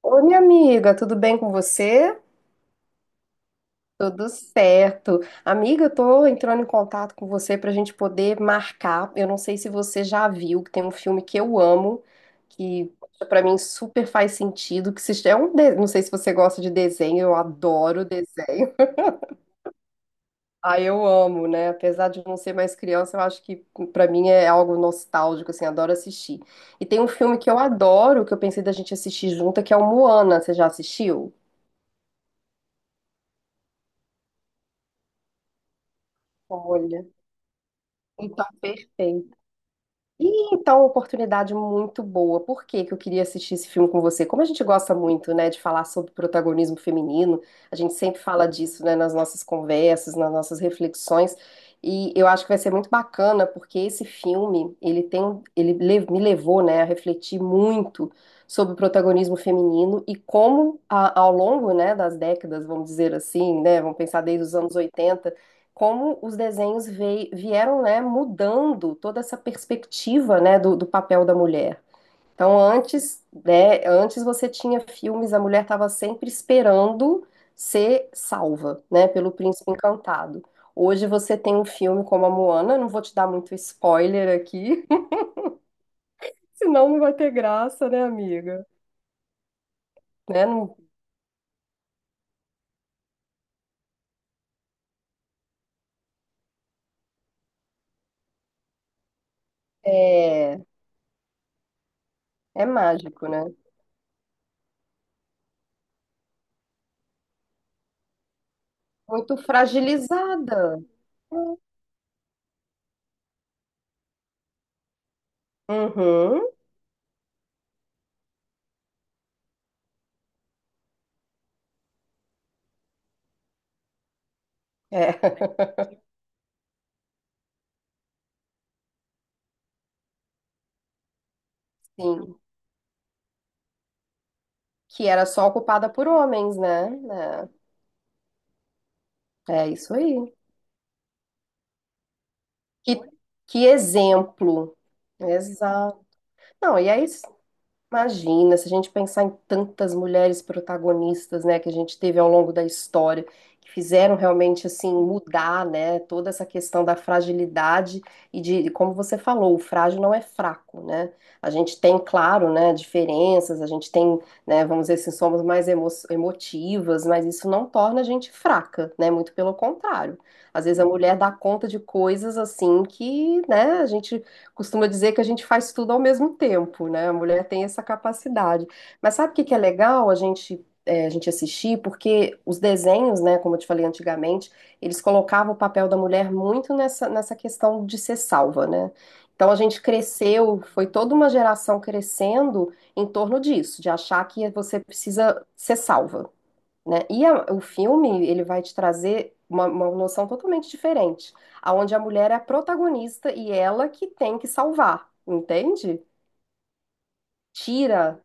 Oi, minha amiga, tudo bem com você? Tudo certo. Amiga, eu tô entrando em contato com você pra gente poder marcar. Eu não sei se você já viu, que tem um filme que eu amo, que poxa, pra mim super faz sentido, que se é um, não sei se você gosta de desenho, eu adoro desenho. Ah, eu amo, né? Apesar de não ser mais criança, eu acho que pra mim é algo nostálgico, assim, adoro assistir. E tem um filme que eu adoro, que eu pensei da gente assistir junta, que é o Moana. Você já assistiu? Olha. Então, perfeito. E então, uma oportunidade muito boa. Por que que eu queria assistir esse filme com você? Como a gente gosta muito, né, de falar sobre protagonismo feminino, a gente sempre fala disso, né, nas nossas conversas, nas nossas reflexões. E eu acho que vai ser muito bacana, porque esse filme, ele tem, um, ele me levou, né, a refletir muito sobre o protagonismo feminino e como ao longo, né, das décadas, vamos dizer assim, né, vamos pensar desde os anos 80 como os desenhos vieram, né, mudando toda essa perspectiva, né, do papel da mulher. Então, antes, né, antes você tinha filmes, a mulher estava sempre esperando ser salva, né, pelo príncipe encantado. Hoje você tem um filme como a Moana, não vou te dar muito spoiler aqui, senão não vai ter graça, né, amiga? Né, é, é mágico, né? Muito fragilizada. Uhum, é, sim. Que era só ocupada por homens, né? É, é isso aí. Que, que exemplo. Exato. Não, e aí imagina, se a gente pensar em tantas mulheres protagonistas, né, que a gente teve ao longo da história, que fizeram realmente assim mudar, né, toda essa questão da fragilidade e de, como você falou, o frágil não é fraco, né? A gente tem, claro, né, diferenças, a gente tem, né, vamos dizer assim, somos mais emotivas, mas isso não torna a gente fraca, né? Muito pelo contrário. Às vezes a mulher dá conta de coisas assim que, né, a gente costuma dizer que a gente faz tudo ao mesmo tempo, né? A mulher tem essa capacidade. Mas sabe o que que é legal a gente, é, a gente assistir? Porque os desenhos, né, como eu te falei antigamente, eles colocavam o papel da mulher muito nessa questão de ser salva, né? Então a gente cresceu, foi toda uma geração crescendo em torno disso, de achar que você precisa ser salva né? E o filme, ele vai te trazer uma noção totalmente diferente, aonde a mulher é a protagonista e ela que tem que salvar, entende? Tira,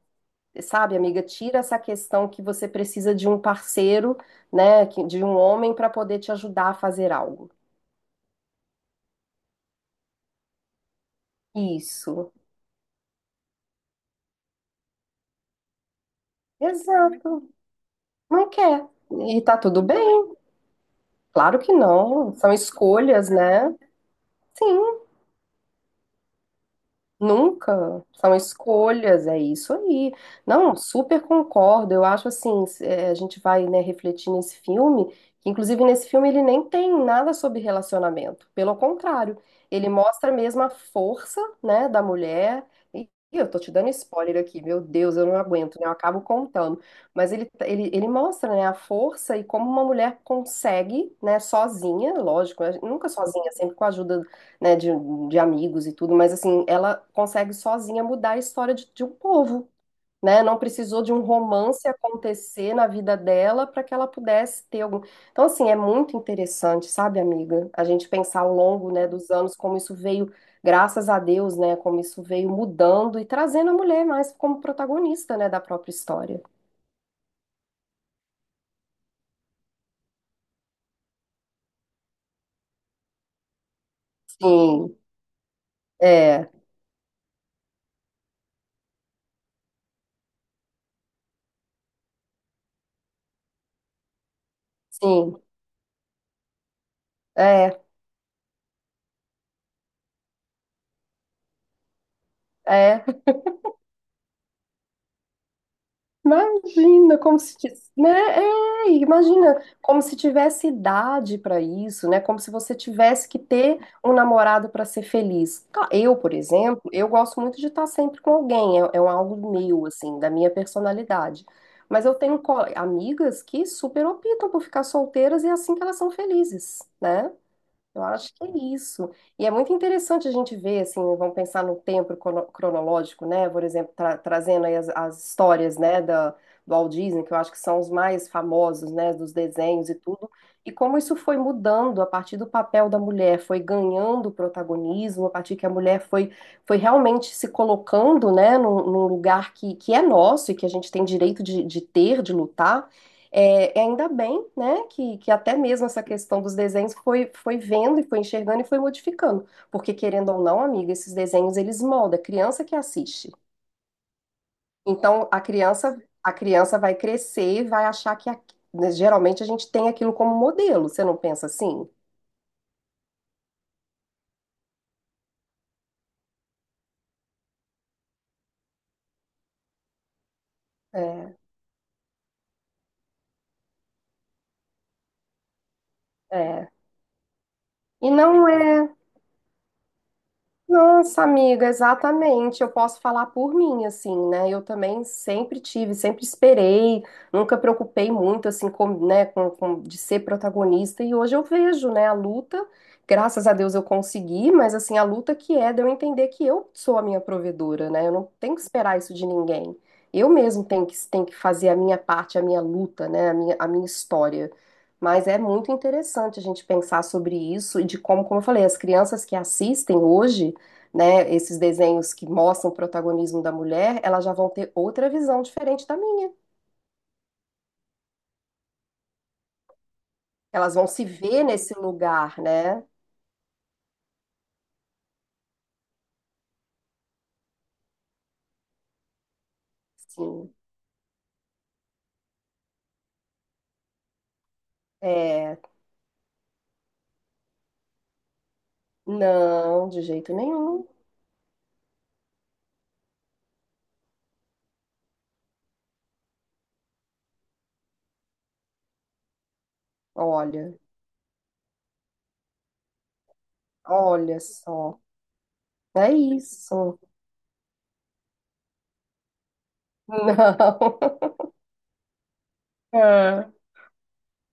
sabe, amiga, tira essa questão que você precisa de um parceiro, né, de um homem para poder te ajudar a fazer algo. Isso. Exato. Não quer. E tá tudo bem? Claro que não. São escolhas, né? Sim. Nunca. São escolhas, é isso aí. Não, super concordo. Eu acho assim, é, a gente vai, né, refletir nesse filme, que inclusive nesse filme ele nem tem nada sobre relacionamento. Pelo contrário, ele mostra mesmo a força, né, da mulher. E eu tô te dando spoiler aqui, meu Deus, eu não aguento, né? Eu acabo contando. Mas ele mostra, né, a força e como uma mulher consegue, né, sozinha, lógico, né, nunca sozinha, sempre com a ajuda né, de amigos e tudo, mas assim, ela consegue sozinha mudar a história de um povo, né? Não precisou de um romance acontecer na vida dela para que ela pudesse ter algum. Então, assim, é muito interessante, sabe, amiga? A gente pensar ao longo, né, dos anos como isso veio, graças a Deus, né, como isso veio mudando e trazendo a mulher mais como protagonista, né, da própria história. Sim, é, sim, é, é. Imagina como se, né? É, imagina como se tivesse idade para isso, né? Como se você tivesse que ter um namorado para ser feliz. Eu, por exemplo, eu gosto muito de estar sempre com alguém, é, é um algo meu, assim, da minha personalidade. Mas eu tenho amigas que super optam por ficar solteiras e é assim que elas são felizes, né? Eu acho que é isso. E é muito interessante a gente ver, assim, vamos pensar no tempo cronológico, né? Por exemplo, trazendo aí as histórias, né, do Walt Disney, que eu acho que são os mais famosos, né, dos desenhos e tudo. E como isso foi mudando a partir do papel da mulher, foi ganhando protagonismo, a partir que a mulher foi, foi realmente se colocando, né, num lugar que é nosso e que a gente tem direito de ter, de lutar. É, e ainda bem, né, que até mesmo essa questão dos desenhos foi, foi vendo e foi enxergando e foi modificando. Porque, querendo ou não, amiga, esses desenhos eles moldam, a criança que assiste. Então, a criança vai crescer e vai achar que, né, geralmente, a gente tem aquilo como modelo. Você não pensa assim? É, é. E não é. Nossa, amiga, exatamente. Eu posso falar por mim, assim, né? Eu também sempre tive, sempre esperei, nunca preocupei muito, assim, com, né, de ser protagonista. E hoje eu vejo, né, a luta. Graças a Deus eu consegui, mas, assim, a luta que é de eu entender que eu sou a minha provedora, né? Eu não tenho que esperar isso de ninguém. Eu mesmo tenho que fazer a minha parte, a minha luta, né? A minha história. Mas é muito interessante a gente pensar sobre isso e de como eu falei, as crianças que assistem hoje né, esses desenhos que mostram o protagonismo da mulher, elas já vão ter outra visão diferente da minha. Elas vão se ver nesse lugar, né? Sim. É, não, de jeito nenhum. Olha, olha só. É isso. Não. É.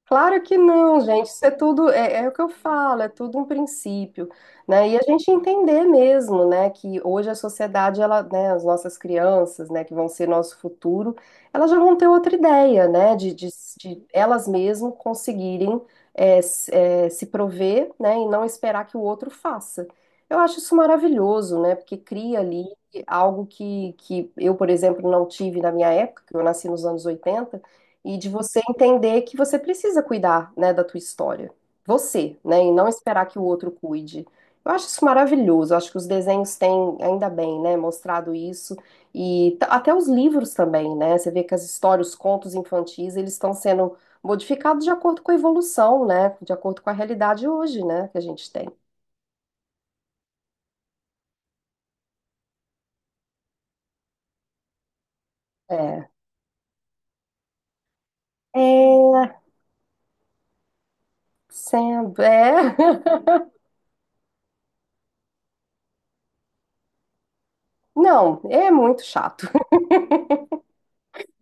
Claro que não, gente. Isso é tudo, é o que eu falo, é tudo um princípio, né? E a gente entender mesmo, né, que hoje a sociedade, ela, né, as nossas crianças, né, que vão ser nosso futuro, elas já vão ter outra ideia, né, de elas mesmas conseguirem se prover, né, e não esperar que o outro faça. Eu acho isso maravilhoso, né, porque cria ali algo que eu, por exemplo, não tive na minha época, que eu nasci nos anos 80 e de você entender que você precisa cuidar, né, da tua história. Você, né, e não esperar que o outro cuide. Eu acho isso maravilhoso. Eu acho que os desenhos têm, ainda bem, né, mostrado isso e até os livros também, né? Você vê que as histórias, os contos infantis, eles estão sendo modificados de acordo com a evolução, né, de acordo com a realidade hoje, né, que a gente tem. É. É, é. Não, é muito chato.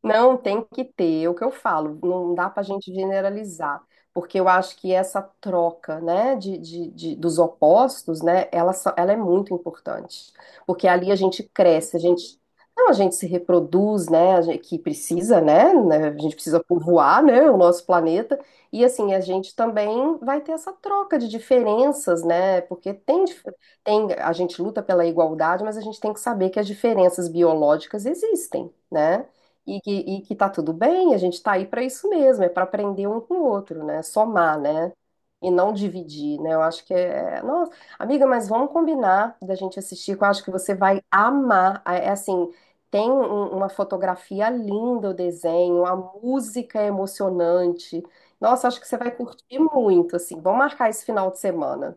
Não tem que ter, é o que eu falo, não dá para a gente generalizar, porque eu acho que essa troca, né, dos opostos, né, ela, ela é muito importante, porque ali a gente cresce, a gente, não, a gente se reproduz, né, a gente, que precisa, né, a gente precisa povoar, né, o nosso planeta, e assim, a gente também vai ter essa troca de diferenças, né, porque tem, a gente luta pela igualdade, mas a gente tem que saber que as diferenças biológicas existem, né, e que tá tudo bem, a gente tá aí para isso mesmo, é para aprender um com o outro, né? Somar, né? E não dividir, né? Eu acho que é. Nossa, amiga, mas vamos combinar da gente assistir, que eu acho que você vai amar. É assim, tem uma fotografia linda, o desenho, a música é emocionante. Nossa, acho que você vai curtir muito, assim. Vamos marcar esse final de semana.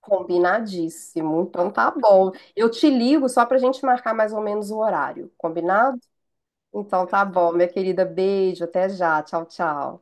Combinadíssimo. Então tá bom. Eu te ligo só pra gente marcar mais ou menos o horário. Combinado? Então tá bom, minha querida. Beijo, até já. Tchau, tchau.